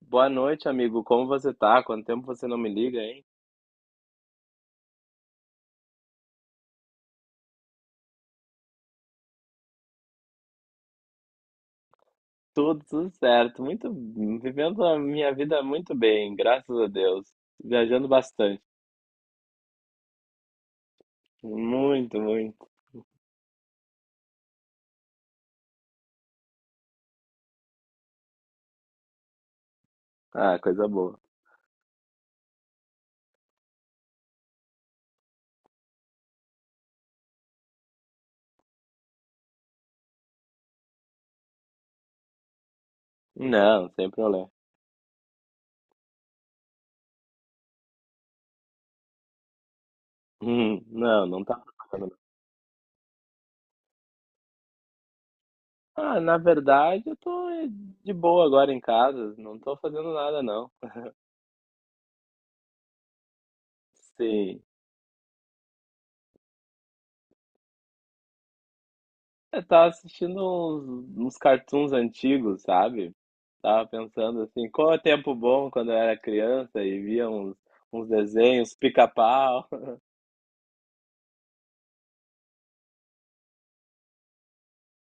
Boa noite, amigo. Como você tá? Quanto tempo você não me liga, hein? Tudo certo. Muito, vivendo a minha vida muito bem, graças a Deus. Viajando bastante. Muito, muito. Ah, coisa boa. Não, sem problema. Hum. Não, tá preocupado, não. Ah, na verdade, eu tô de boa agora em casa. Não tô fazendo nada, não. Sim. É, eu tava assistindo uns cartoons antigos, sabe? Tava pensando assim, qual é o tempo bom quando eu era criança e via uns desenhos, pica-pau.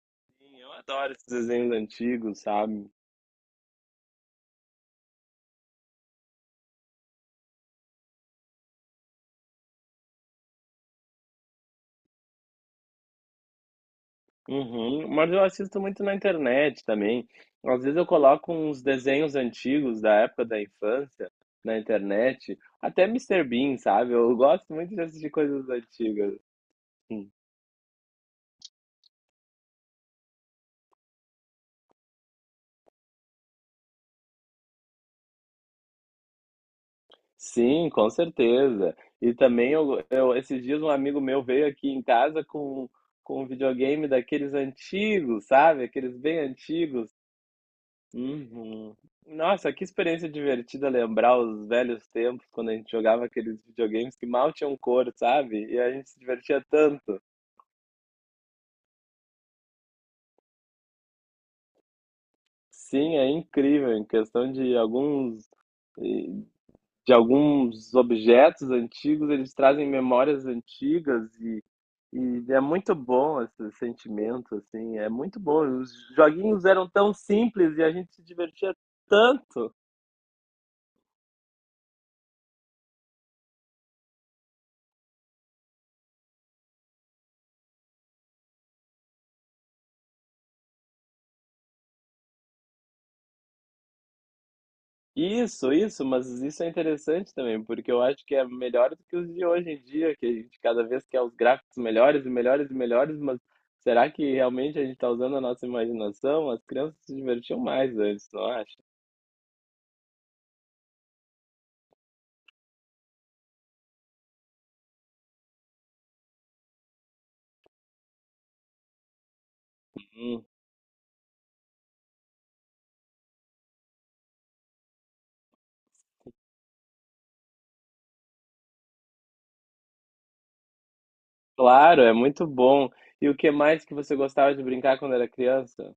Sim, eu adoro esses desenhos antigos, sabe? Uhum. Mas eu assisto muito na internet também. Às vezes eu coloco uns desenhos antigos da época da infância na internet. Até Mister Bean, sabe? Eu gosto muito de assistir coisas antigas. Sim, com certeza. E também eu esses dias um amigo meu veio aqui em casa com um videogame daqueles antigos, sabe? Aqueles bem antigos. Uhum. Nossa, que experiência divertida lembrar os velhos tempos quando a gente jogava aqueles videogames que mal tinham cor, sabe? E a gente se divertia tanto. Sim, é incrível. Em questão de de alguns objetos antigos, eles trazem memórias antigas e é muito bom esse sentimento, assim, é muito bom. Os joguinhos eram tão simples e a gente se divertia tanto. Isso, mas isso é interessante também, porque eu acho que é melhor do que os de hoje em dia, que a gente cada vez quer os gráficos melhores e melhores e melhores, mas será que realmente a gente está usando a nossa imaginação? As crianças se divertiam mais antes, não acha? Hum. Claro, é muito bom. E o que mais que você gostava de brincar quando era criança?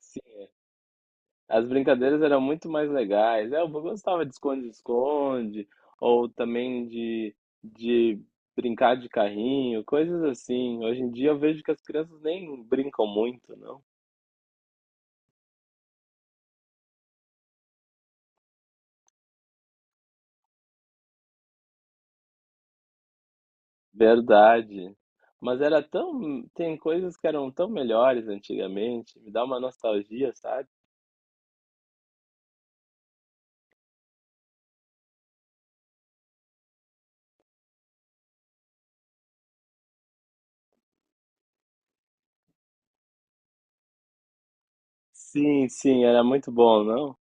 Sim, as brincadeiras eram muito mais legais. É, eu gostava de esconde-esconde, ou também de brincar de carrinho, coisas assim. Hoje em dia eu vejo que as crianças nem brincam muito, não? Verdade. Mas era tão. Tem coisas que eram tão melhores antigamente. Me dá uma nostalgia, sabe? Sim, era muito bom, não?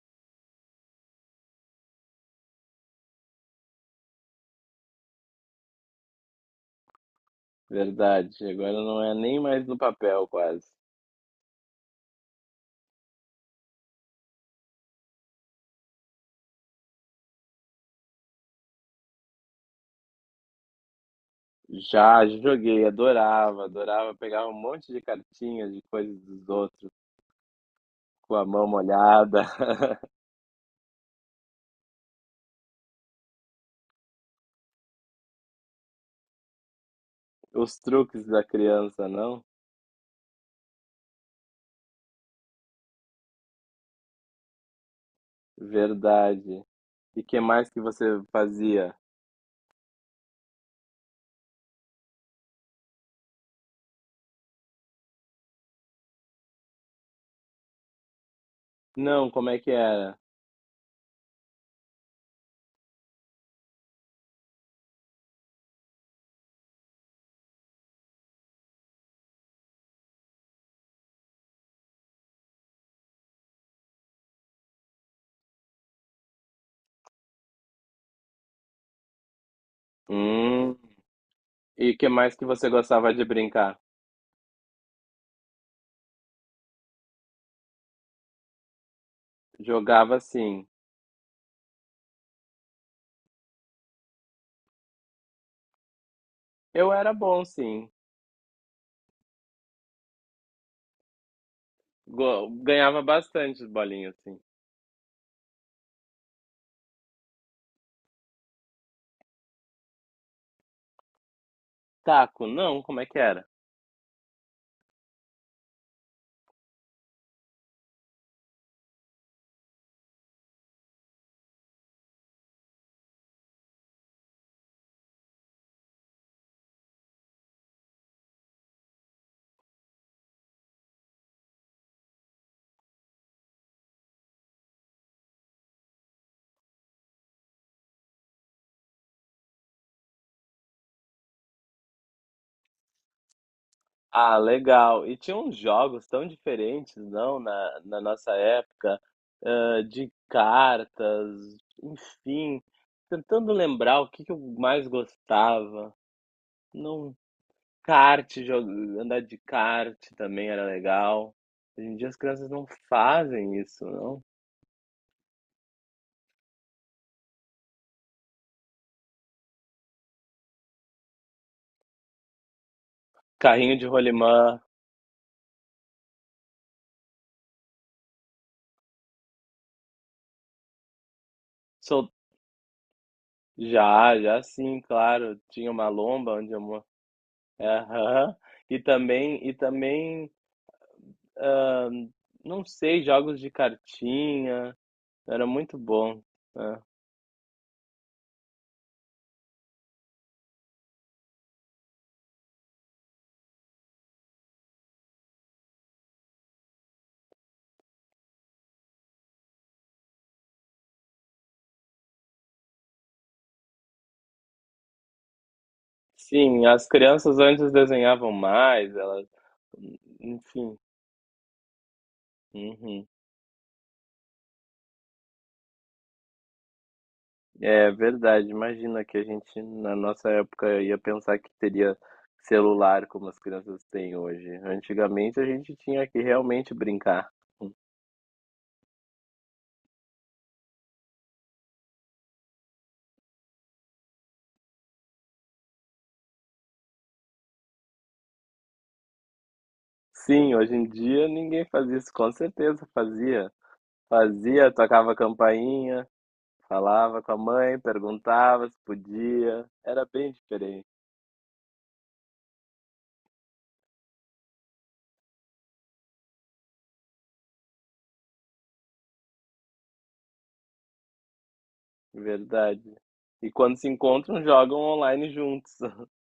Verdade. Agora não é nem mais no papel, quase. Já joguei, adorava. Pegava um monte de cartinhas de coisas dos outros, com a mão molhada. Os truques da criança, não? Verdade. E que mais que você fazia? Não, como é que era? Hum. E que mais que você gostava de brincar? Jogava sim. Eu era bom, sim. Ganhava bastante bolinhas, sim. Taco, não, como é que era? Ah, legal. E tinha uns jogos tão diferentes, não, na nossa época, ah, de cartas, enfim. Tentando lembrar o que que eu mais gostava. Não, kart, jo- andar de kart também era legal. Hoje em dia as crianças não fazem isso, não. Carrinho de rolimã, sol... já, já sim, claro. Tinha uma lomba onde eu... Aham. E também, ah, não sei, jogos de cartinha, era muito bom, né? Sim, as crianças antes desenhavam mais, enfim, uhum. É verdade, imagina que a gente, na nossa época, ia pensar que teria celular como as crianças têm hoje. Antigamente a gente tinha que realmente brincar. Sim, hoje em dia ninguém faz isso, com certeza fazia. Fazia, tocava campainha. Falava com a mãe, perguntava se podia. Era bem diferente, verdade. E quando se encontram, jogam online juntos.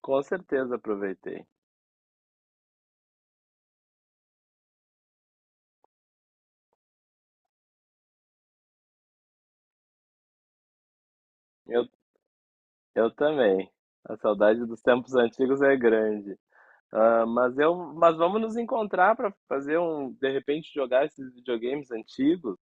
Com certeza aproveitei. Eu, eu também. A saudade dos tempos antigos é grande. Mas vamos nos encontrar para fazer um, de repente jogar esses videogames antigos.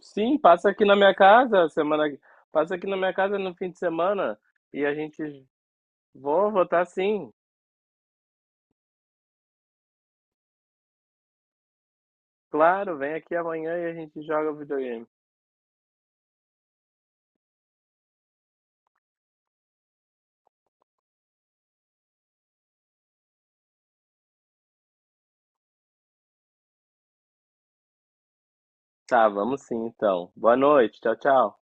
Sim, passa aqui na minha casa no fim de semana e a gente vou votar sim. Claro, vem aqui amanhã e a gente joga videogame. Tá, vamos sim então. Boa noite, tchau, tchau.